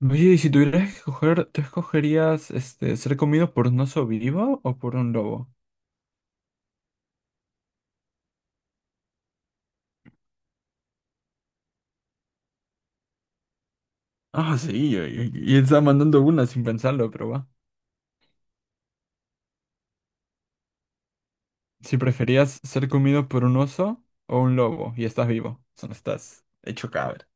Oye, y si tuvieras que escoger, ¿tú escogerías ser comido por un oso vivo o por un lobo? Ah, sí, y estaba mandando una sin pensarlo, pero va. Si preferías ser comido por un oso o un lobo y estás vivo, o sea, no estás hecho cadáver.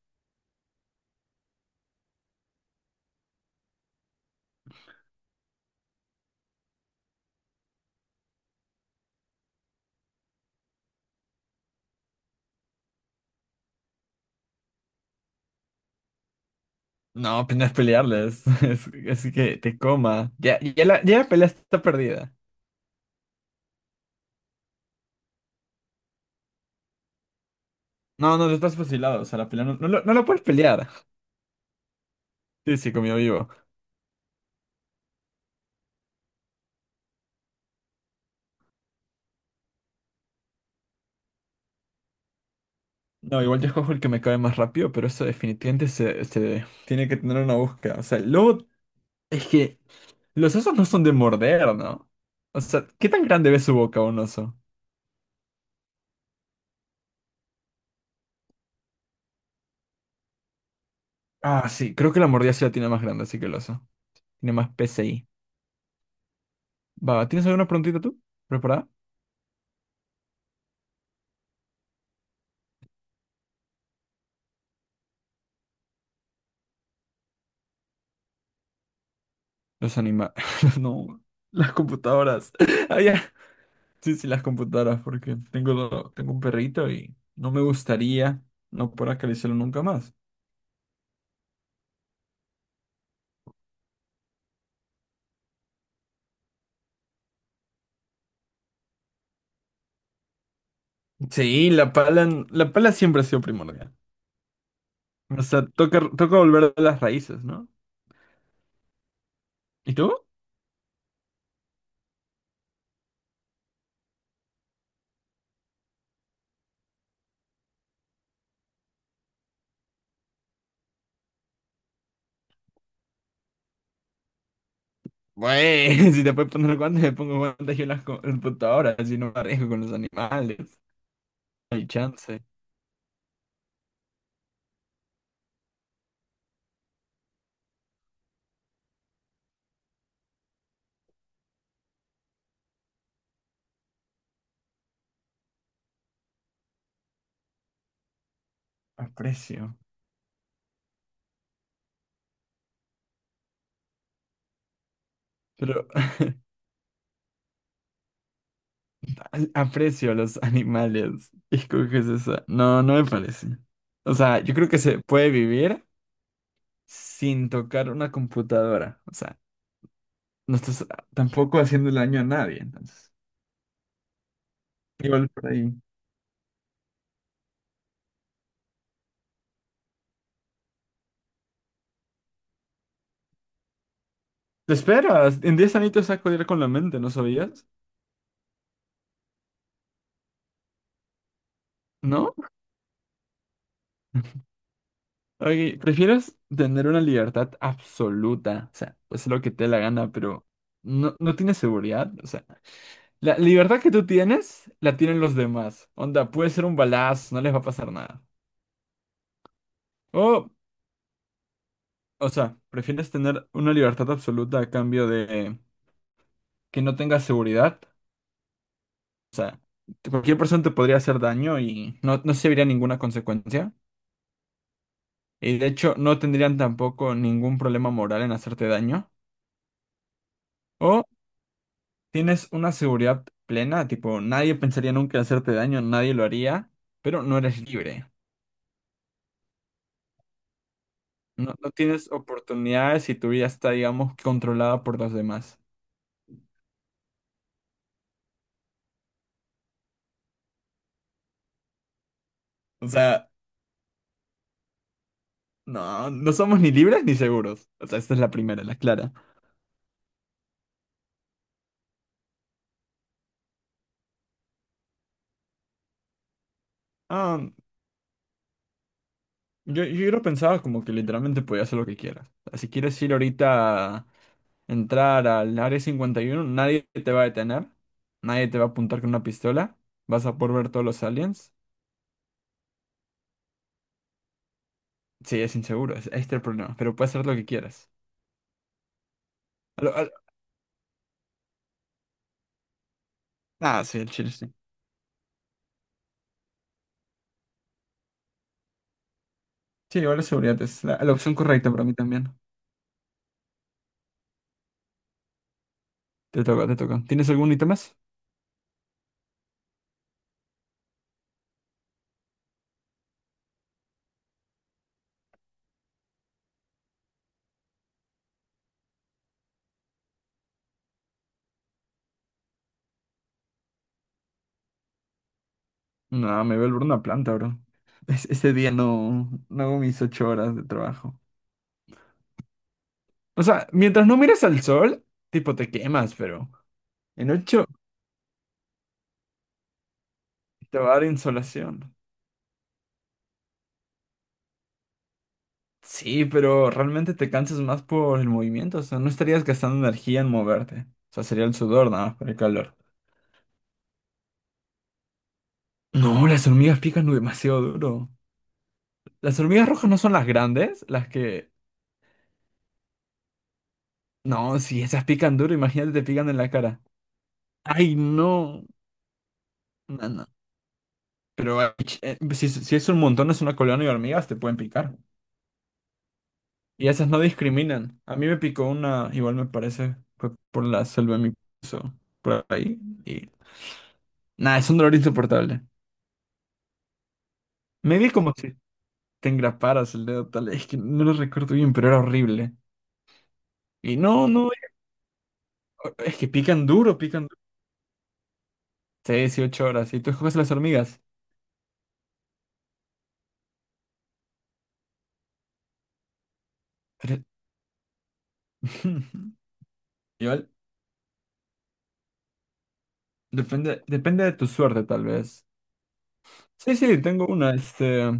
No, apenas pelearles, es que te coma. Ya, ya la pelea está perdida. No, no, estás fusilado, o sea, la pelea no lo puedes pelear. Sí, sí, comido vivo. No, igual yo escojo el que me cae más rápido, pero eso definitivamente se tiene que tener una búsqueda. O sea, el lobo. Es que los osos no son de morder, ¿no? O sea, ¿qué tan grande ve su boca un oso? Ah, sí, creo que la mordida sí la tiene más grande, así que el oso. Tiene más PCI. Va, ¿tienes alguna preguntita tú? ¿Preparada? Los animales. No, las computadoras. Ah, ya. Sí, sí, las computadoras, porque tengo un perrito y no me gustaría no poder acariciarlo nunca más. Sí, la pala siempre ha sido primordial. O sea, toca, toca volver a las raíces, ¿no? ¿Y tú? Güey, si te puedes poner guantes, me pongo guantes yo en las en computadoras, así no me arriesgo con los animales. No hay chance. Aprecio. Pero aprecio a los animales. Y escoges esa. No, no me parece. O sea, yo creo que se puede vivir sin tocar una computadora. O sea, no estás tampoco haciendo daño a nadie, entonces. Igual por ahí. Te esperas. En 10 añitos saco con la mente, ¿no sabías? ¿No? Oye, ¿prefieres tener una libertad absoluta? O sea, pues lo que te dé la gana, pero no tienes seguridad. O sea, la libertad que tú tienes, la tienen los demás. Onda, puede ser un balazo, no les va a pasar nada. O, o sea, ¿prefieres tener una libertad absoluta a cambio de que no tengas seguridad? O sea, cualquier persona te podría hacer daño y no se vería ninguna consecuencia. Y de hecho, no tendrían tampoco ningún problema moral en hacerte daño. O Tienes una seguridad plena, tipo, nadie pensaría nunca en hacerte daño, nadie lo haría, pero no eres libre. No, no tienes oportunidades y tu vida está, digamos, controlada por los demás. O sea, no, no somos ni libres ni seguros. O sea, esta es la primera, la clara. Ah, yo lo pensaba como que literalmente podías hacer lo que quieras. O sea, si quieres ir ahorita a entrar al área 51, nadie te va a detener, nadie te va a apuntar con una pistola, vas a poder ver todos los aliens. Sí, es inseguro, este es el problema, pero puedes hacer lo que quieras. A lo- a lo- Ah, sí, el chile sí. Sí, igual la seguridad es la opción correcta para mí también. Te toca, te toca. ¿Tienes algún ítem más? No, me voy a volver una planta, bro. Ese día no, no hago mis ocho horas de trabajo. O sea, mientras no mires al sol, tipo te quemas, pero en ocho te va a dar insolación. Sí, pero realmente te cansas más por el movimiento, o sea, no estarías gastando energía en moverte. O sea, sería el sudor nada más por el calor. No, las hormigas pican demasiado duro. Las hormigas rojas no son las grandes, las que... No, si esas pican duro, imagínate te pican en la cara. Ay, no. No, no. Pero ay, si, si es un montón, es una colonia de hormigas, te pueden picar. Y esas no discriminan. A mí me picó una, igual me parece, fue por la selva de mi piso, por ahí. Y nada, es un dolor insoportable. Me vi como si te engraparas el dedo tal, es que no lo recuerdo bien, pero era horrible. Y no, no, es que pican duro, pican duro. 6, 8 horas. Y tú escoges las hormigas. Igual, depende, depende de tu suerte, tal vez. Sí, sí, tengo una,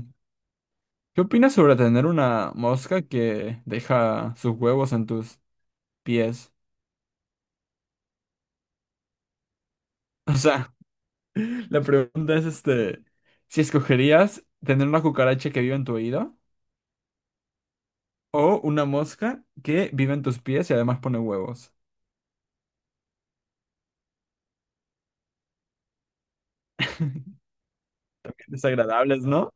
¿Qué opinas sobre tener una mosca que deja sus huevos en tus pies? O sea, la pregunta es, si escogerías tener una cucaracha que vive en tu oído o una mosca que vive en tus pies y además pone huevos. Desagradables, ¿no?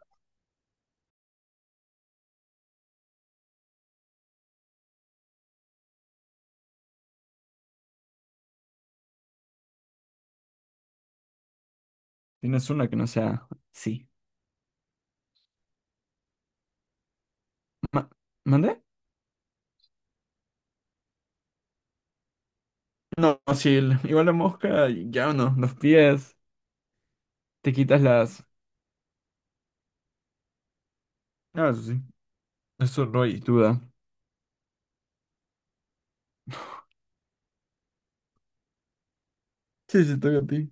Tienes una que no sea... Sí. Ma- ¿Mandé? No, sí, igual la mosca, ya no, los pies, te quitas las... Ah, eso sí. Eso no hay duda. Sí, sí, toca a ti.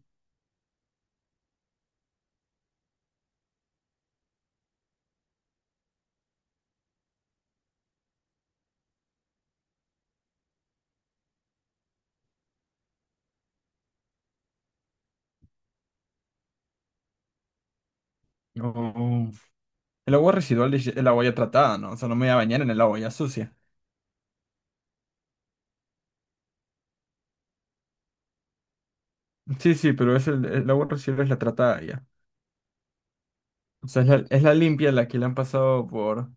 No. El agua residual es el agua ya tratada, ¿no? O sea, no me voy a bañar en el agua ya sucia. Sí, sí, pero es el agua residual es la tratada ya. O sea, es es la limpia la que le han pasado por...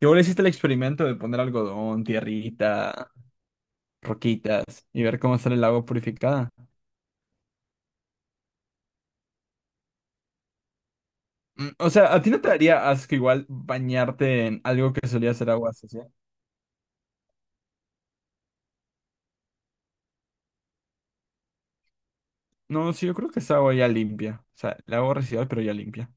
Igual hiciste el experimento de poner algodón, tierrita, roquitas y ver cómo sale el agua purificada. Mm, o sea, ¿a ti no te daría asco igual bañarte en algo que solía ser agua sucia? No, sí, yo creo que es agua ya limpia. O sea, el agua residual, pero ya limpia.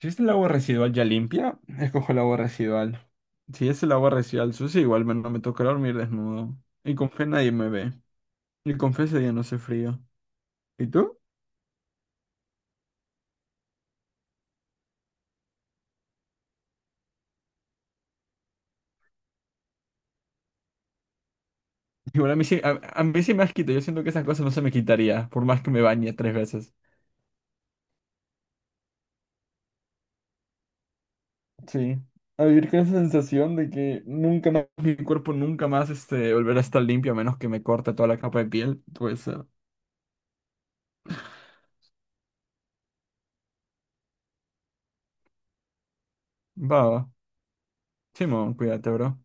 Si es el agua residual ya limpia, escojo el agua residual. Si es el agua residual sucia, igual no me toca dormir desnudo. Y con fe nadie me ve. Y con fe ese día no hace frío. ¿Y tú? Igual a mí sí, a mí sí me has quitado. Yo siento que esas cosas no se me quitaría, por más que me bañe tres veces. Sí. A vivir con esa sensación de que nunca más, mi cuerpo nunca más este, volverá a estar limpio a menos que me corte toda la capa de piel. Pues, va, va. Simón, cuídate, bro.